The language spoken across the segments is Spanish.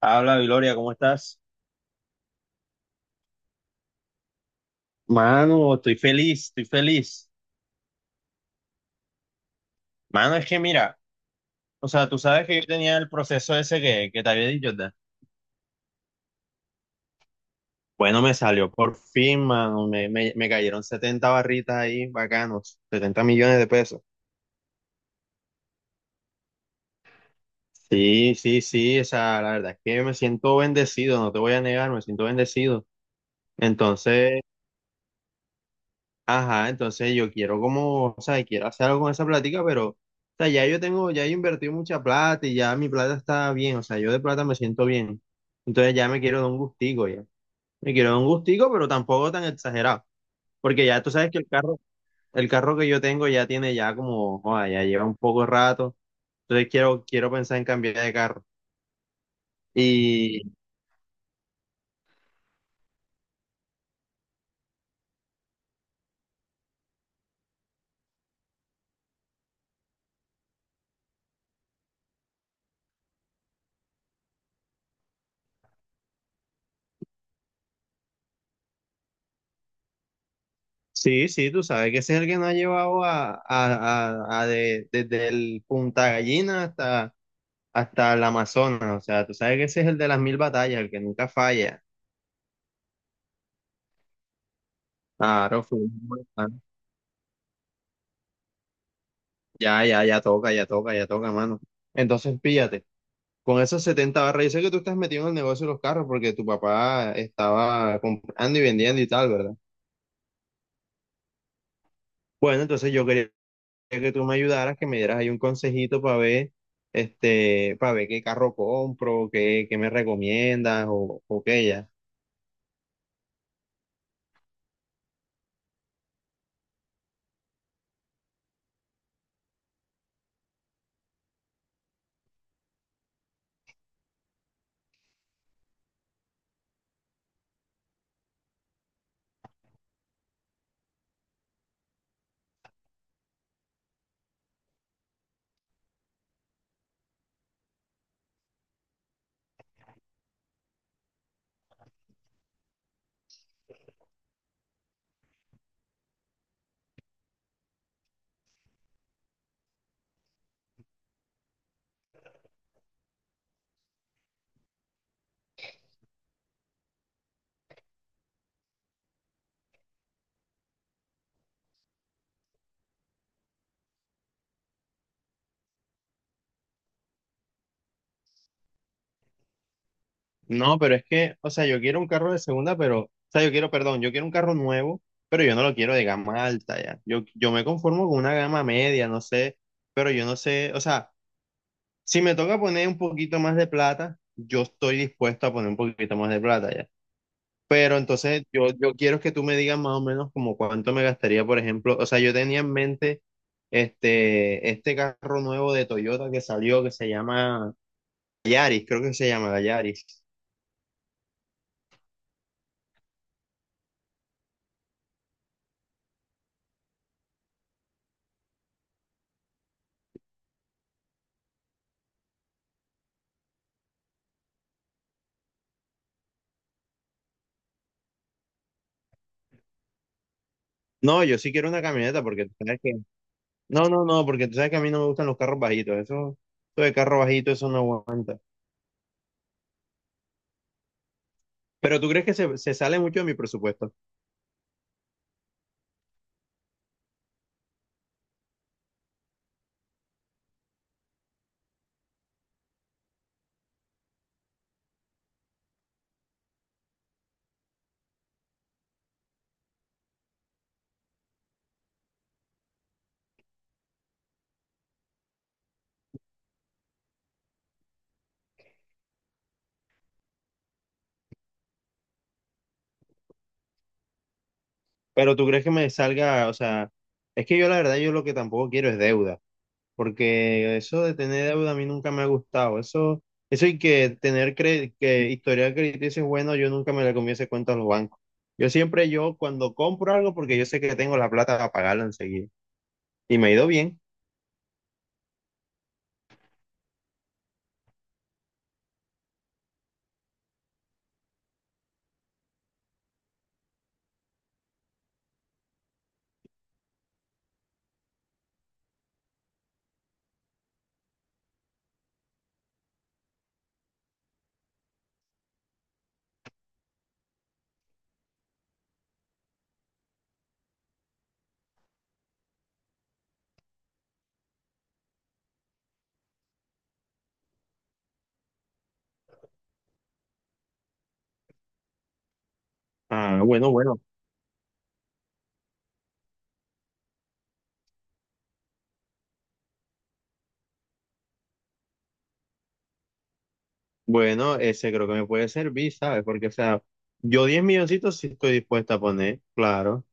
Habla, Gloria, ¿cómo estás? Mano, estoy feliz, estoy feliz. Mano, es que mira, o sea, tú sabes que yo tenía el proceso ese que te había dicho, ¿verdad? Bueno, me salió por fin, mano. Me cayeron 70 barritas ahí, bacanos. 70 millones de pesos. Sí, sí, sí, o sea, la verdad es que me siento bendecido, no te voy a negar, me siento bendecido. Entonces, ajá, entonces yo quiero como, o sea, quiero hacer algo con esa plática, pero, o sea, ya yo tengo, ya he invertido mucha plata y ya mi plata está bien, o sea, yo de plata me siento bien. Entonces ya me quiero dar un gustico ya. Me quiero dar un gustico, pero tampoco tan exagerado, porque ya tú sabes que el carro que yo tengo ya tiene ya como, joda, ya lleva un poco de rato, entonces quiero, quiero pensar en cambiar de carro. Y sí, sí, tú sabes que ese es el que nos ha llevado desde el Punta Gallina hasta hasta el Amazonas, o sea, tú sabes que ese es el de las mil batallas, el que nunca falla. Claro, fue un volcán. Ya, ya, ya toca, ya toca, ya toca, mano. Entonces, píllate, con esos 70 barras, yo sé que tú estás metido en el negocio de los carros porque tu papá estaba comprando y vendiendo y tal, ¿verdad? Bueno, entonces yo quería que tú me ayudaras, que me dieras ahí un consejito para ver, este, para ver qué carro compro, qué me recomiendas o qué ya. No, pero es que, o sea, yo quiero un carro de segunda, pero, o sea, yo quiero, perdón, yo quiero un carro nuevo, pero yo no lo quiero de gama alta ya. Yo me conformo con una gama media, no sé, pero yo no sé, o sea, si me toca poner un poquito más de plata, yo estoy dispuesto a poner un poquito más de plata ya. Pero entonces yo quiero que tú me digas más o menos como cuánto me gastaría, por ejemplo, o sea, yo tenía en mente este, este carro nuevo de Toyota que salió, que se llama Yaris, creo que se llama la Yaris. No, yo sí quiero una camioneta porque tú sabes que... No, no, no, porque tú sabes que a mí no me gustan los carros bajitos. Eso de carro bajito, eso no aguanta. Pero tú crees que se sale mucho de mi presupuesto. Pero tú crees que me salga, o sea, es que yo la verdad, yo lo que tampoco quiero es deuda. Porque eso de tener deuda a mí nunca me ha gustado. Eso y que tener que historial crediticio es bueno, yo nunca me le comí ese cuento a los bancos. Yo siempre, yo cuando compro algo, porque yo sé que tengo la plata para pagarlo enseguida. Y me ha ido bien. Ah, bueno, bueno. Bueno, ese creo que me puede servir, ¿sabes? Porque, o sea, yo 10 milloncitos sí estoy dispuesto a poner, claro.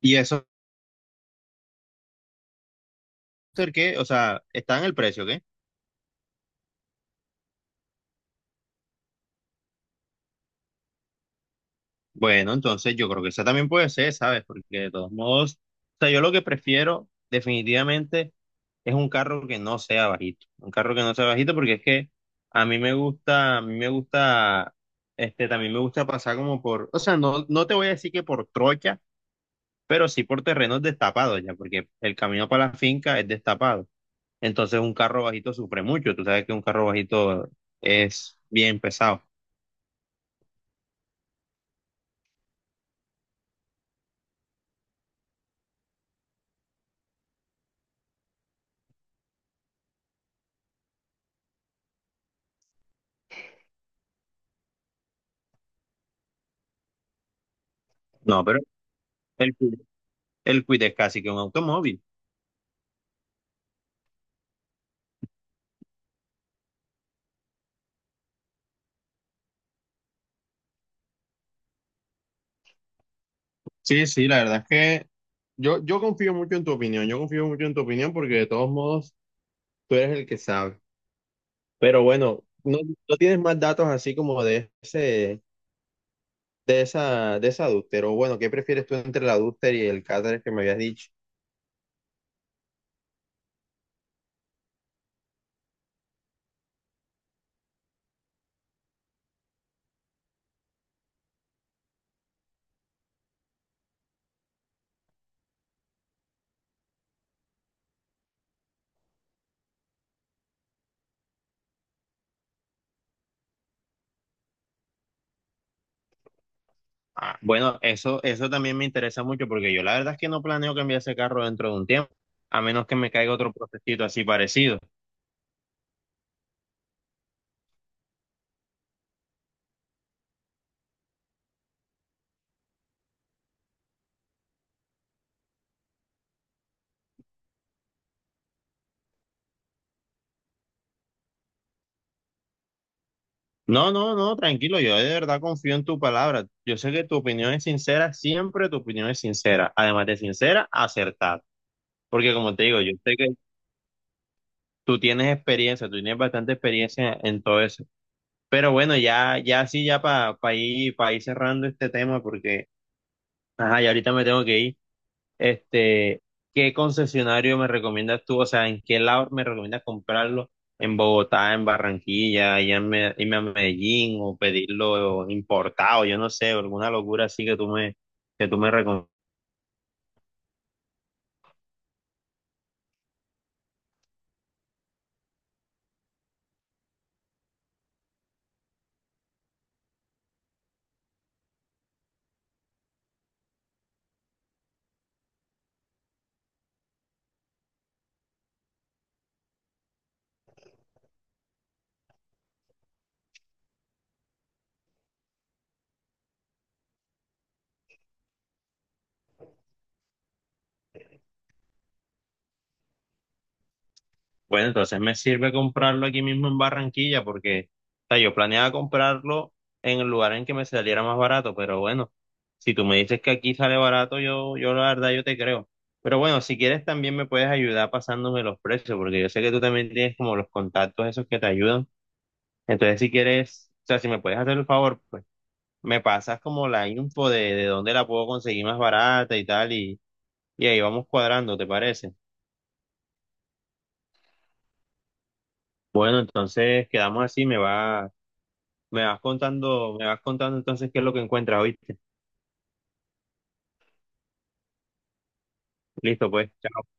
Y eso, ¿qué? O sea, está en el precio, ¿qué? Bueno, entonces yo creo que esa también puede ser, ¿sabes? Porque de todos modos, o sea, yo lo que prefiero definitivamente es un carro que no sea bajito. Un carro que no sea bajito porque es que a mí me gusta, a mí me gusta, este, también me gusta pasar como por, o sea, no, no te voy a decir que por trocha pero sí por terrenos destapados ya, porque el camino para la finca es destapado. Entonces un carro bajito sufre mucho, tú sabes que un carro bajito es bien pesado. No, pero el, Kwid- el Kwid es casi que un automóvil. Sí, sí, la verdad es que yo confío mucho en tu opinión, yo confío mucho en tu opinión porque de todos modos tú eres el que sabe. Pero bueno, no, no tienes más datos así como de ese, de esa adúltero. Bueno, ¿qué prefieres tú entre la adúltera y el cáter que me habías dicho? Ah, bueno, eso también me interesa mucho porque yo la verdad es que no planeo cambiar ese carro dentro de un tiempo, a menos que me caiga otro procesito así parecido. No, no, no, tranquilo, yo de verdad confío en tu palabra. Yo sé que tu opinión es sincera, siempre tu opinión es sincera, además de sincera, acertada. Porque como te digo, yo sé que tú tienes experiencia, tú tienes bastante experiencia en todo eso. Pero bueno, ya, ya sí, ya para ir, pa ir cerrando este tema porque, ajá, ya ahorita me tengo que ir. Este, ¿qué concesionario me recomiendas tú? O sea, ¿en qué lado me recomiendas comprarlo? ¿En Bogotá, en Barranquilla, allá en irme a Medellín o pedirlo importado? Yo no sé, alguna locura así que que tú me recomiendas. Bueno, entonces me sirve comprarlo aquí mismo en Barranquilla porque, o sea, yo planeaba comprarlo en el lugar en que me saliera más barato, pero bueno, si tú me dices que aquí sale barato, yo la verdad yo te creo. Pero bueno, si quieres también me puedes ayudar pasándome los precios, porque yo sé que tú también tienes como los contactos esos que te ayudan. Entonces, si quieres, o sea, si me puedes hacer el favor, pues me pasas como la info de dónde la puedo conseguir más barata y tal, y ahí vamos cuadrando, ¿te parece? Bueno, entonces quedamos así, me va. Me vas contando entonces qué es lo que encuentras, ¿oíste? Listo, pues. Chao.